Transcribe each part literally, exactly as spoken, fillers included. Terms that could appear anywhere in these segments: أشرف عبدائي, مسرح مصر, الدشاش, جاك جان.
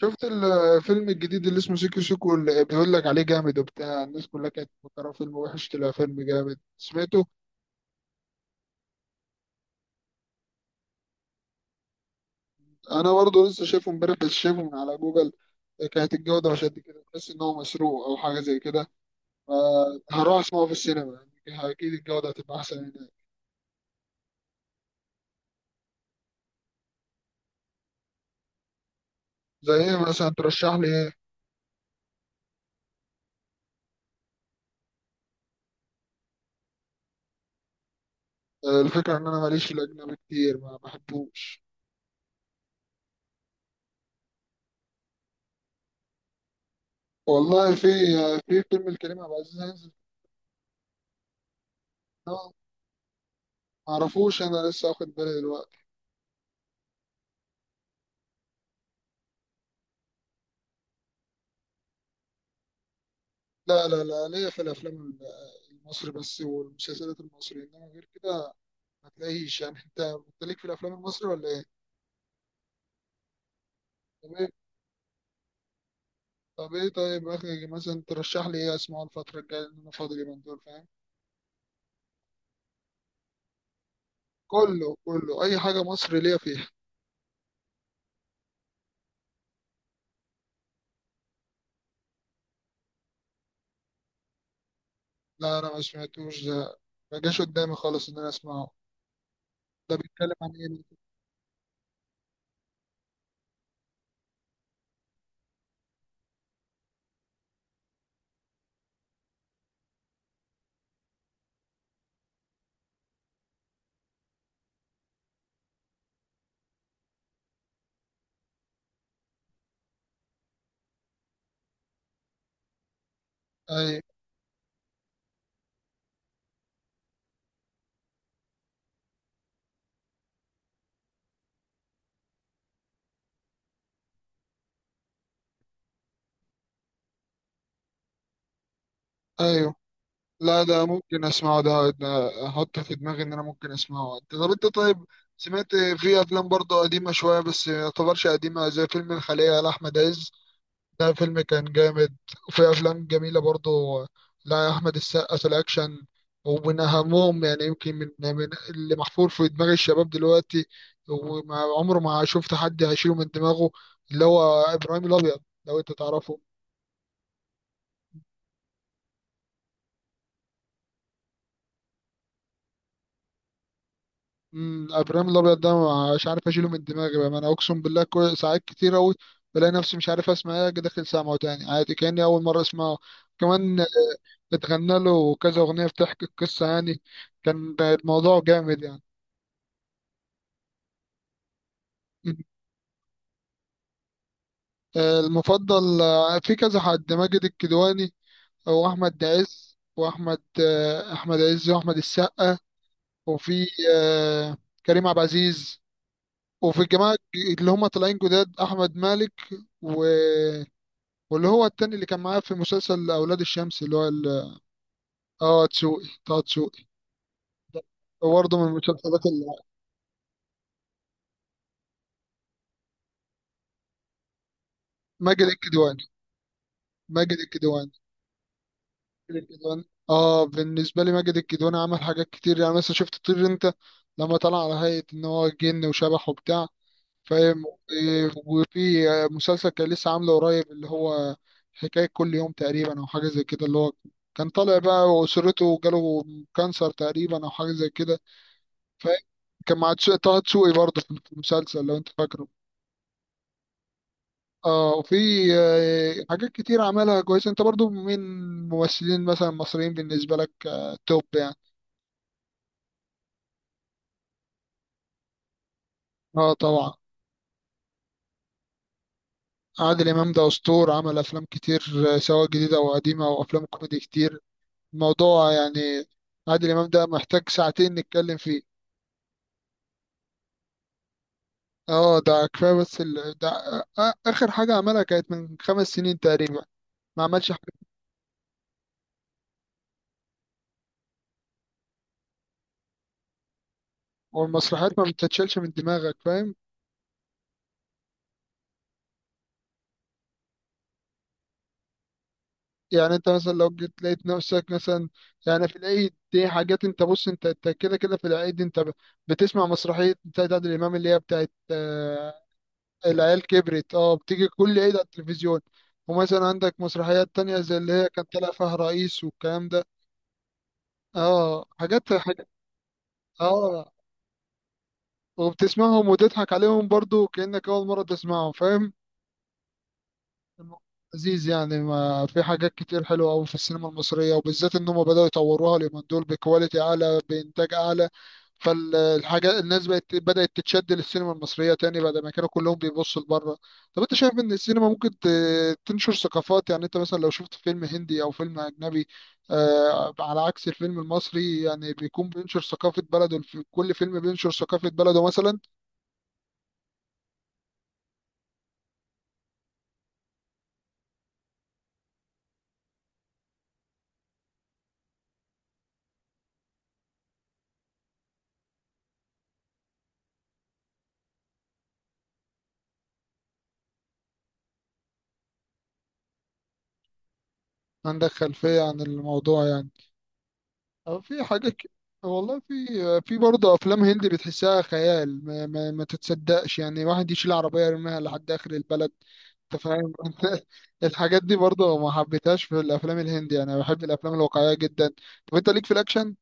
شفت الفيلم الجديد اللي اسمه سيكو سيكو، اللي بيقول لك عليه جامد وبتاع. الناس كلها كانت مفكرة فيلم وحش، طلع فيلم جامد. سمعته انا برضه لسه، شايفه امبارح بس شايفه من على جوجل. كانت الجودة مش قد كده، تحس ان هو مسروق او حاجة زي كده. فهروح اسمعه في السينما، يعني اكيد الجودة هتبقى احسن هناك. زي ايه مثلا؟ ترشح لي ايه؟ آه، الفكرة ان انا ماليش في الاجنبي كتير، ما بحبوش. والله في في فيلم الكريم عبد العزيز هينزل، ما اعرفوش، انا لسه واخد بالي دلوقتي. لا لا لا، ليا في الافلام المصري بس والمسلسلات المصري، انما غير كده ما تلاقيش. يعني انت، انت ليك في الافلام المصري ولا ايه؟ طب ايه؟ طب ايه طيب اخي مثلا ترشح لي ايه اسمعه الفتره الجايه، لان انا فاضي اليومين دول، فاهم؟ كله كله، اي حاجه مصري ليا فيها. لا انا ما سمعتوش ده، ما جاش قدامي خالص ان انا اسمعه. ده بيتكلم عن ايه؟ اي، ايوه، لا ده ممكن اسمعه، ده ده احط في دماغي ان انا ممكن اسمعه. انت طب، انت طيب سمعت في افلام برضه قديمه شويه، بس ما يعتبرش قديمه، زي فيلم الخليه لاحمد عز، ده فيلم كان جامد. وفي افلام جميله برضه لاحمد السقا في الاكشن. ومن اهمهم يعني يمكن من, من اللي محفور في دماغ الشباب دلوقتي، وما عمره ما شفت حد هيشيله من دماغه، اللي هو ابراهيم الابيض، لو انت تعرفه. امم، ابراهيم الابيض ده مش عارف اشيله من دماغي بقى، انا اقسم بالله كل ساعات كتير اوي بلاقي نفسي مش عارف اسمع ايه، أجي داخل سامعه تاني عادي كاني اول مره اسمعه كمان. اتغنى له كذا اغنيه بتحكي القصه، يعني كان الموضوع جامد يعني. مم. آه، المفضل، آه، في كذا حد، ماجد الكدواني واحمد عز، واحمد آه، احمد عز واحمد السقا، وفي آه، كريم عبد العزيز، وفي الجماعه اللي هم طالعين جداد، احمد مالك، واللي هو التاني اللي كان معاه في مسلسل اولاد الشمس اللي هو ال- اه تسوقي، طه دسوقي ده برضه من المسلسلات اللي ماجد الكدواني. ماجد إيه الكدواني؟ ماجد إيه الكدواني؟ اه بالنسبه لي ماجد إيه الكدواني عمل حاجات كتير، يعني مثلا شفت طير انت، لما طلع على هيئه ان هو جن وشبح وبتاع، فاهم؟ إيه، وفي مسلسل كان لسه عامله قريب، اللي هو حكايه كل يوم تقريبا او حاجه زي كده، اللي هو كان طالع بقى واسرته جاله كانسر تقريبا او حاجه زي كده، فاهم؟ كان مع تسو- طه دسوقي برضه في المسلسل، لو انت فاكره. اه وفي آه، حاجات كتير عملها كويسة. انت برضه من ممثلين مثلا مصريين بالنسبة لك آه، توب، يعني؟ اه طبعا، عادل امام ده اسطور، عمل افلام كتير، آه، سواء جديده او قديمه، او افلام كوميدي كتير الموضوع يعني. عادل امام ده محتاج ساعتين نتكلم فيه. اه ده كفايه، بس ال... ده آه، اخر حاجه عملها كانت من خمس سنين تقريبا، ما عملش حاجه. والمسرحيات ما بتتشالش من دماغك، فاهم؟ يعني انت مثلا لو جيت لقيت نفسك مثلا، يعني في العيد دي حاجات، انت بص انت، انت كده كده في العيد انت ب- بتسمع مسرحية بتاعت عادل امام، اللي هي بتاعت آه، العيال كبرت، اه بتيجي كل عيد على التلفزيون. ومثلا عندك مسرحيات تانية زي اللي هي كان طالع فيها الرئيس والكلام ده. اه حاجات، حاجات، اه. وبتسمعهم وتضحك عليهم برضو كأنك أول مرة تسمعهم، فاهم؟ عزيز يعني، ما في حاجات كتير حلوة أوي في السينما المصرية، وبالذات إن هم بدأوا يطوروها اليومين دول بكواليتي أعلى، بإنتاج أعلى. فالحاجة الناس بقت بدأت تتشد للسينما المصرية تاني، بعد ما كانوا كلهم بيبصوا لبره. طب أنت شايف إن السينما ممكن ت- تنشر ثقافات؟ يعني أنت مثلا لو شفت فيلم هندي أو فيلم أجنبي، آه، على عكس الفيلم المصري، يعني بيكون بينشر ثقافة بلده، الف- كل فيلم بينشر ثقافة بلده مثلا، عندك خلفية عن الموضوع يعني، أو في حاجات ك- والله في، في برضه افلام هندي بتحسها خيال، ما, ما, ما تتصدقش، يعني واحد يشيل عربيه يرميها لحد اخر البلد، انت فاهم؟ الحاجات دي برضه ما حبيتهاش في الافلام الهندي، انا بحب الافلام الواقعيه جدا. طب انت ليك في الاكشن؟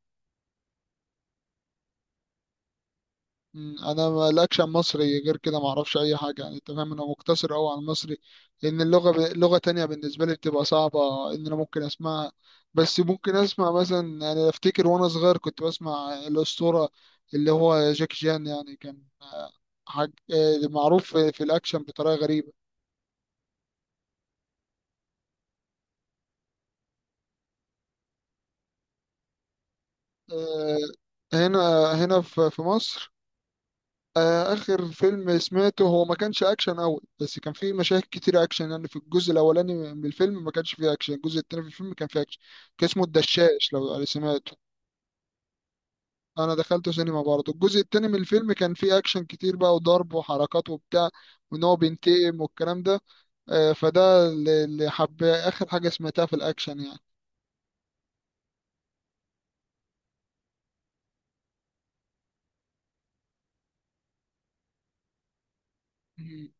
مم، انا ما- الاكشن مصري، غير كده ما اعرفش اي حاجه يعني، انت فاهم، انا مقتصر قوي على المصري، لان اللغه ب... لغه تانية بالنسبه لي بتبقى صعبه ان انا ممكن اسمعها. بس ممكن اسمع مثلا، يعني افتكر وانا صغير كنت بسمع الاسطوره، اللي هو جاك جان، يعني كان آه، حاج... آه، معروف في في الاكشن بطريقه غريبه. آه، هنا، هنا في في مصر. آه، آخر فيلم سمعته هو ما كانش أكشن أوي، بس كان فيه مشاهد كتير أكشن، يعني في الجزء الأولاني من الفيلم ما كانش فيه أكشن، الجزء التاني في الفيلم كان فيه أكشن. كان اسمه الدشاش، لو سمعته. أنا دخلته سينما برضه، الجزء التاني من الفيلم كان فيه أكشن كتير بقى، وضرب وحركات وبتاع، وإن هو بينتقم والكلام ده. آه، فده اللي اللي حب آخر حاجة سمعتها في الأكشن يعني.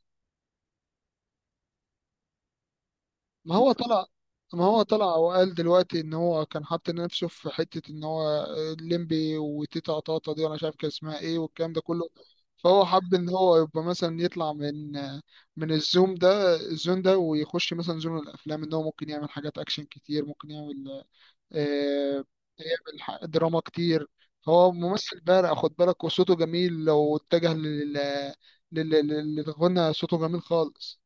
ما هو طلع، ما هو طلع وقال دلوقتي ان هو كان حاطط نفسه في حته ان هو الليمبي وتيتا طاطا دي، وانا مش عارف كان اسمها ايه والكلام ده كله. فهو حب ان هو يبقى مثلا يطلع من آه، من الزوم ده الزون ده، ويخش مثلا زون الافلام، ان هو ممكن يعمل حاجات اكشن كتير، ممكن يعمل آه، يعمل ح- دراما كتير. هو ممثل بارع، خد بالك، وصوته جميل لو اتجه لل لل- لل- للغنى، صوته جميل خالص.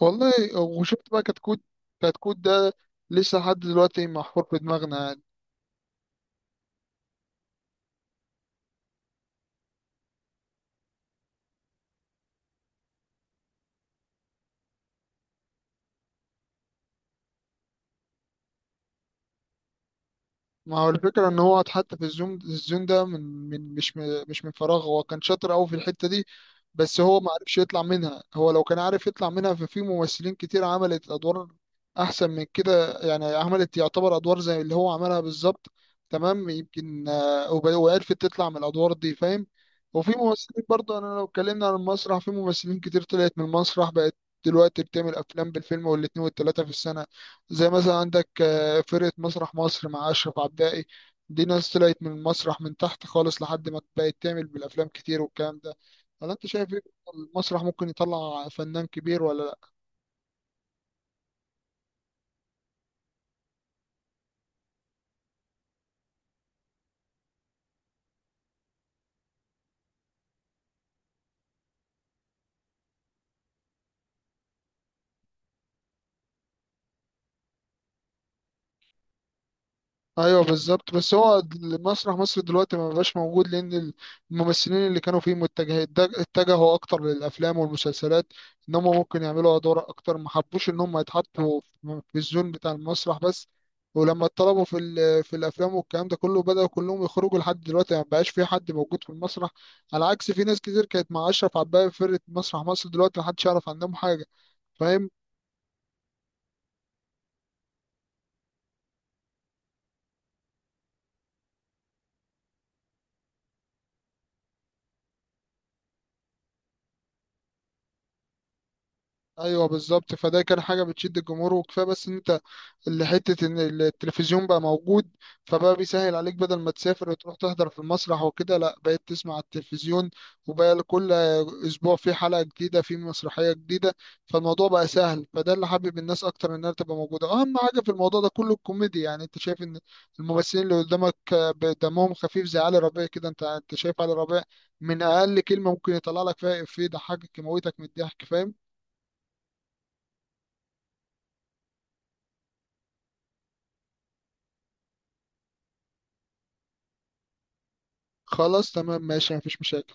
والله، وشفت بقى كتكوت، كتكوت ده لسه لحد دلوقتي محفور في دماغنا. ما هو الفكرة ان هو حتى في الزوم الزون ده، من من مش م- مش من فراغ، هو كان شاطر قوي في الحتة دي، بس هو ما عرفش يطلع منها. هو لو كان عارف يطلع منها، ففي ممثلين كتير عملت ادوار احسن من كده يعني، عملت يعتبر ادوار زي اللي هو عملها بالظبط تمام، يمكن آه، وب- وعرفت تطلع من الادوار دي، فاهم؟ وفي ممثلين برضه، انا لو اتكلمنا عن المسرح، في ممثلين كتير طلعت من المسرح، بقت دلوقتي بتعمل افلام، بالفيلم والاتنين والتلاتة في السنة. زي مثلا عندك آه، فرقة مسرح مصر مع أشرف عبدائي، دي ناس طلعت من المسرح من تحت خالص، لحد ما بقت تعمل بالأفلام كتير والكلام ده، ولا أنت شايف إيه؟ المسرح ممكن يطلع فنان كبير ولا؟ ايوه بالظبط. بس هو د- مسرح مصر دلوقتي ما بقاش موجود، لان الممثلين اللي كانوا فيه متجه اتج- اتجهوا اكتر للافلام والمسلسلات، ان هم ممكن يعملوا ادوار اكتر، ما حبوش ان هم يتحطوا في في الزون بتاع المسرح بس. ولما اتطلبوا في ال- في الافلام والكلام ده كله، بدأوا كلهم يخرجوا، لحد دلوقتي ما بقاش في حد موجود في المسرح. على عكس في ناس كتير كانت مع اشرف عباية في فرقة مسرح مصر، دلوقتي محدش يعرف عنهم حاجة، فاهم؟ ايوه بالظبط. فده كان حاجه بتشد الجمهور، وكفايه بس ان انت، اللي حتة إن التلفزيون بقى موجود، فبقى بيسهل عليك، بدل ما تسافر وتروح تحضر في المسرح وكده، لأ بقيت تسمع على التلفزيون، وبقى كل أسبوع في حلقة جديدة، في مسرحية جديدة، فالموضوع بقى سهل. فده اللي حابب الناس أكتر إنها تبقى موجودة. أهم حاجة في الموضوع ده كله الكوميديا، يعني أنت شايف إن الممثلين اللي قدامك دمهم خفيف، زي علي ربيع كده، أنت، أنت شايف علي ربيع، من أقل كلمة ممكن يطلع لك فيها إفيه يضحكك، يموتك من الضحك، فاهم؟ خلاص تمام ماشي، مفيش مشاكل.